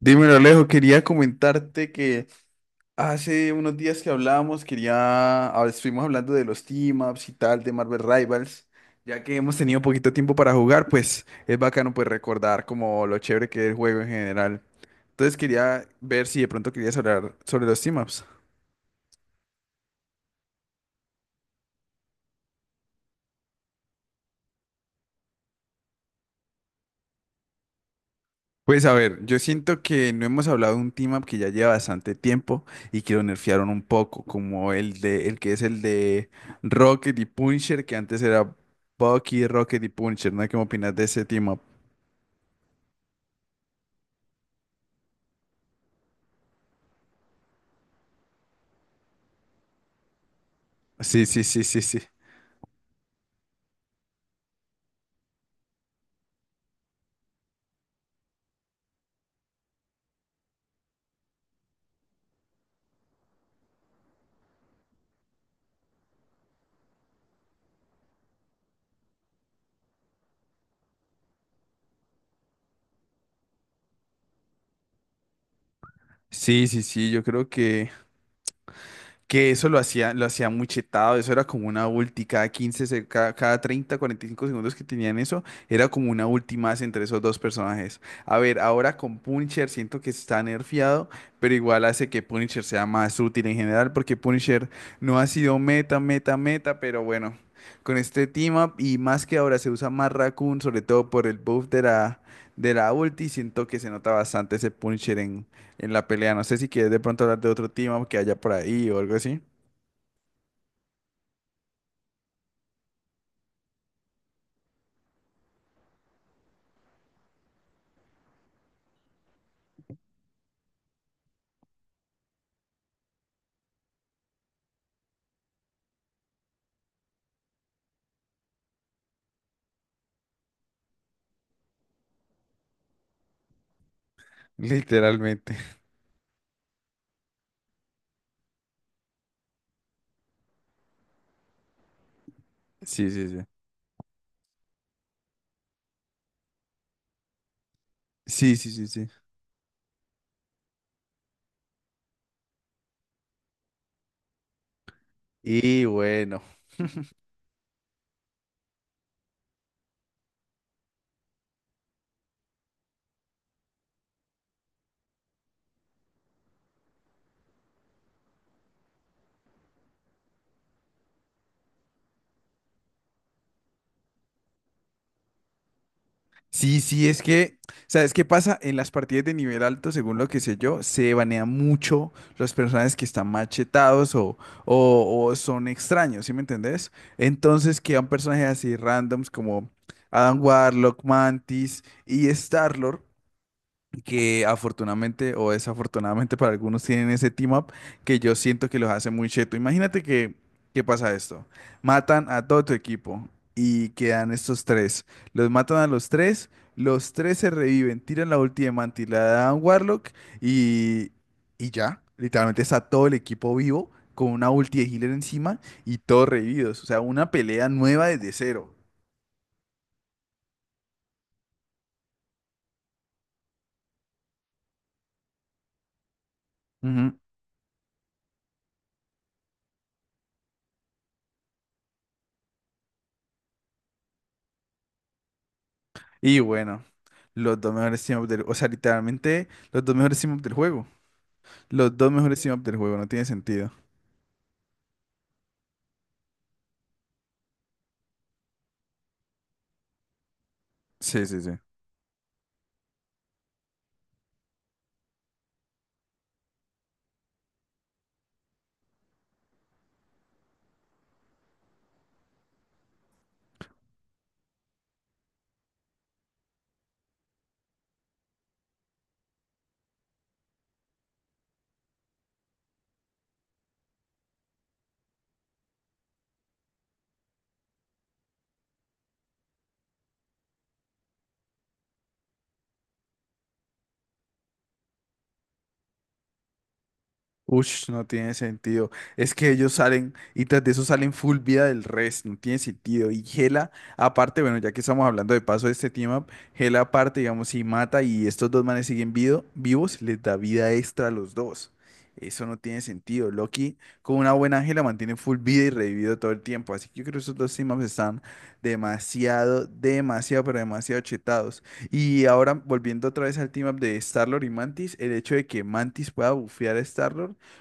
Dímelo, Alejo, quería comentarte que hace unos días que hablábamos, estuvimos hablando de los team-ups y tal, de Marvel Rivals, ya que hemos tenido poquito tiempo para jugar, pues es bacano pues recordar como lo chévere que es el juego en general. Entonces quería ver si de pronto querías hablar sobre los team-ups. Pues a ver, yo siento que no hemos hablado de un team up que ya lleva bastante tiempo y que lo nerfearon un poco, como el de Rocket y Puncher, que antes era Bucky, Rocket y Puncher, ¿no? ¿Qué opinas de ese team up? Sí, sí, sí, sí, sí. Sí, sí, sí, yo creo que lo hacía muy chetado, eso era como una ulti, cada 15 se- cada, cada treinta, cuarenta y cinco segundos que tenían eso, era como una ulti más entre esos dos personajes. A ver, ahora con Punisher siento que está nerfeado, pero igual hace que Punisher sea más útil en general, porque Punisher no ha sido meta, pero bueno, con este team up y más que ahora se usa más Raccoon, sobre todo por el buff de la ulti, siento que se nota bastante ese Punisher en la pelea. No sé si quieres de pronto hablar de otro tema que haya por ahí o algo así. Literalmente. Sí, sí, sí. Sí, sí, sí, sí. Y bueno. Sí, sí, ¿sabes qué pasa? En las partidas de nivel alto, según lo que sé yo, se banean mucho los personajes que están machetados o son extraños, ¿sí me entendés? Entonces quedan personajes así randoms como Adam Warlock, Mantis y Starlord que afortunadamente o desafortunadamente para algunos tienen ese team up que yo siento que los hace muy cheto. Imagínate que, ¿qué pasa esto? Matan a todo tu equipo y quedan estos tres. Los matan a los tres se reviven, tiran la ulti de Mantis, la dan a Warlock y, y ya. Literalmente está todo el equipo vivo con una ulti de healer encima y todos revividos. O sea, una pelea nueva desde cero. Ujú. Y bueno. Los dos mejores team up del... O sea, literalmente, los dos mejores team up del juego. Los dos mejores team up del juego, no tiene sentido. Sí, sí, sí. Ush, no tiene sentido. Es que ellos salen y tras de eso salen full vida del resto, no tiene sentido. Y Gela, aparte, bueno, ya que estamos hablando de paso de este team up, Gela aparte, digamos, si mata y estos dos manes siguen vivos, les da vida extra a los dos. Eso no tiene sentido. Loki, con una buena Gela, mantiene full vida y revivido todo el tiempo. Así que yo creo que esos dos team ups están demasiado chetados. Y ahora, volviendo otra vez al team up de Star-Lord y Mantis, el hecho de que Mantis pueda bufear a star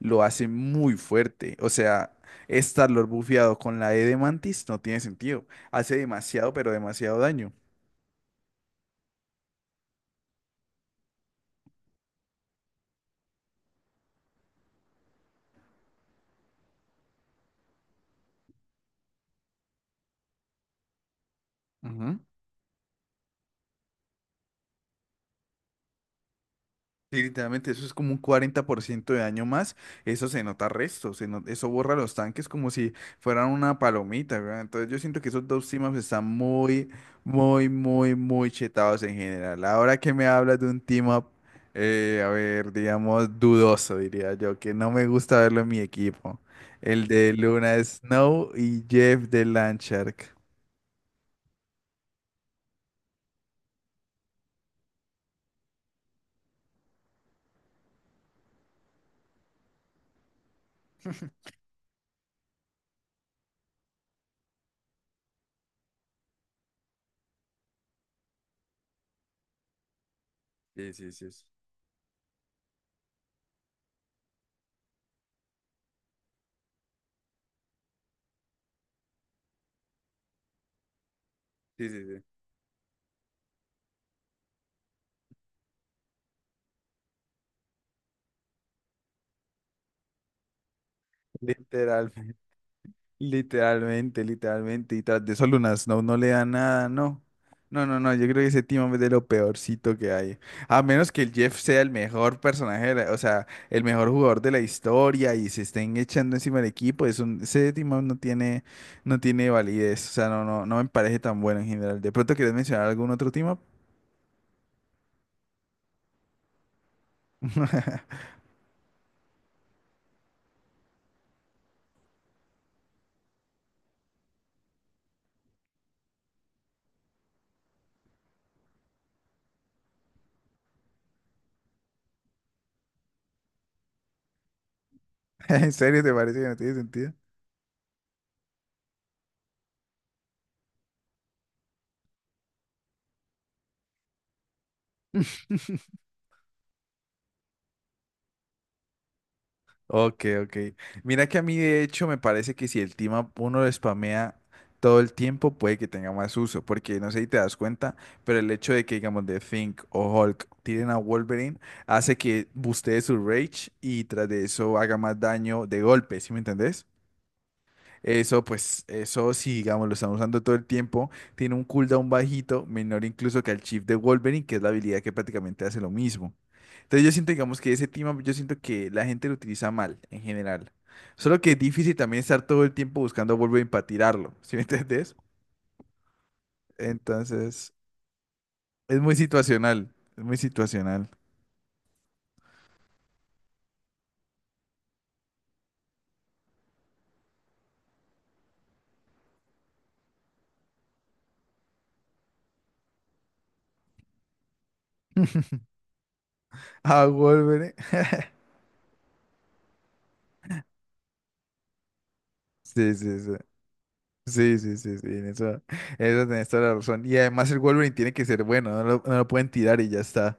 lo hace muy fuerte. O sea, Star-Lord bufeado con la E de Mantis no tiene sentido. Hace demasiado, pero demasiado daño. Sí, literalmente eso es como un 40% de daño más. Eso se nota resto, se no- eso borra los tanques como si fueran una palomita, ¿verdad? Entonces yo siento que esos dos teams están muy chetados en general. Ahora que me hablas de un team up, a ver, digamos, dudoso, diría yo, que no me gusta verlo en mi equipo. El de Luna Snow y Jeff de Landshark. Sí, sí, sí. Sí, sí, sí. Literal. Literalmente, literalmente. Y tras de eso Luna Snow no le da nada, no. No, no, no. Yo creo que ese Timon es de lo peorcito que hay. A menos que el Jeff sea el mejor personaje, o sea, el mejor jugador de la historia y se estén echando encima del equipo. Ese Timon no tiene validez. O sea, no, no, no me parece tan bueno en general. ¿De pronto quieres mencionar algún otro Timon? ¿En serio te parece que no tiene sentido? Ok, ok. Mira que a mí de hecho me parece que si el team up uno lo spamea todo el tiempo puede que tenga más uso, porque no sé si te das cuenta, pero el hecho de que digamos The Think o Hulk tiren a Wolverine hace que bustee su rage y tras de eso haga más daño de golpe, ¿sí me entendés? Eso, pues, eso sí, digamos, lo estamos usando todo el tiempo. Tiene un cooldown bajito, menor incluso que el Chief de Wolverine, que es la habilidad que prácticamente hace lo mismo. Entonces yo siento, digamos, que ese up, yo siento que la gente lo utiliza mal, en general. Solo que es difícil también estar todo el tiempo buscando a Wolverine para tirarlo, ¿sí me entendés? Entonces, es muy situacional, es muy situacional. A Wolverine. Sí, sí, sí. Sí, sí, sí, sí, en eso tenés toda la razón. Y además el Wolverine tiene que ser bueno, no lo pueden tirar y ya está.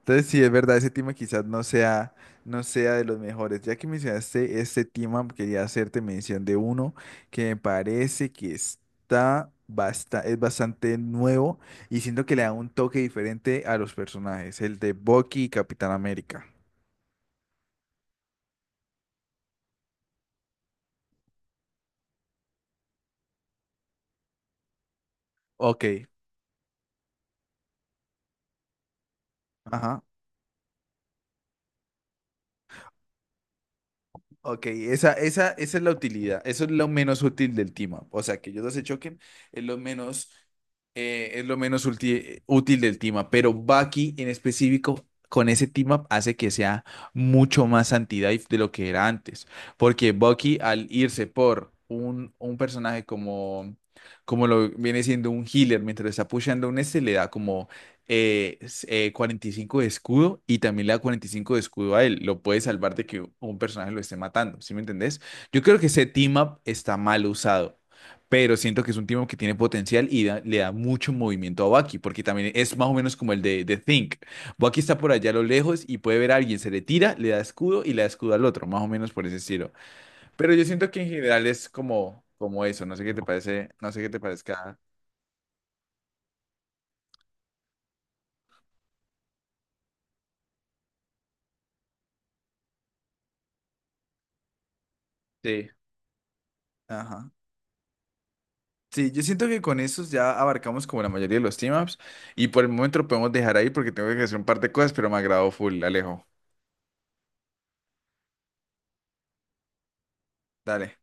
Entonces, sí, es verdad, ese tema quizás no sea, no sea de los mejores. Ya que mencionaste este tema, quería hacerte mención de uno que me parece que es bastante nuevo y siento que le da un toque diferente a los personajes, el de Bucky y Capitán América. Ok. Ajá. Ok, esa es la utilidad, eso es lo menos útil del team up. O sea, que ellos dos se choquen es lo menos, es lo menos útil del team up, pero Bucky en específico con ese team up hace que sea mucho más anti-dive de lo que era antes, porque Bucky al irse por un personaje como lo viene siendo un healer mientras está pusheando un este, le da como 45 de escudo y también le da 45 de escudo a él. Lo puede salvar de que un personaje lo esté matando, ¿sí me entendés? Yo creo que ese team up está mal usado, pero siento que es un team up que tiene potencial y le da mucho movimiento a Baki, porque también es más o menos como el de Think. Baki está por allá a lo lejos y puede ver a alguien, se le tira, le da escudo y le da escudo al otro, más o menos por ese estilo. Pero yo siento que en general es como, como eso, no sé qué te parece, no sé qué te parezca. Sí. Ajá. Sí, yo siento que con esos ya abarcamos como la mayoría de los team ups y por el momento lo podemos dejar ahí porque tengo que hacer un par de cosas, pero me agradó full, Alejo. Dale.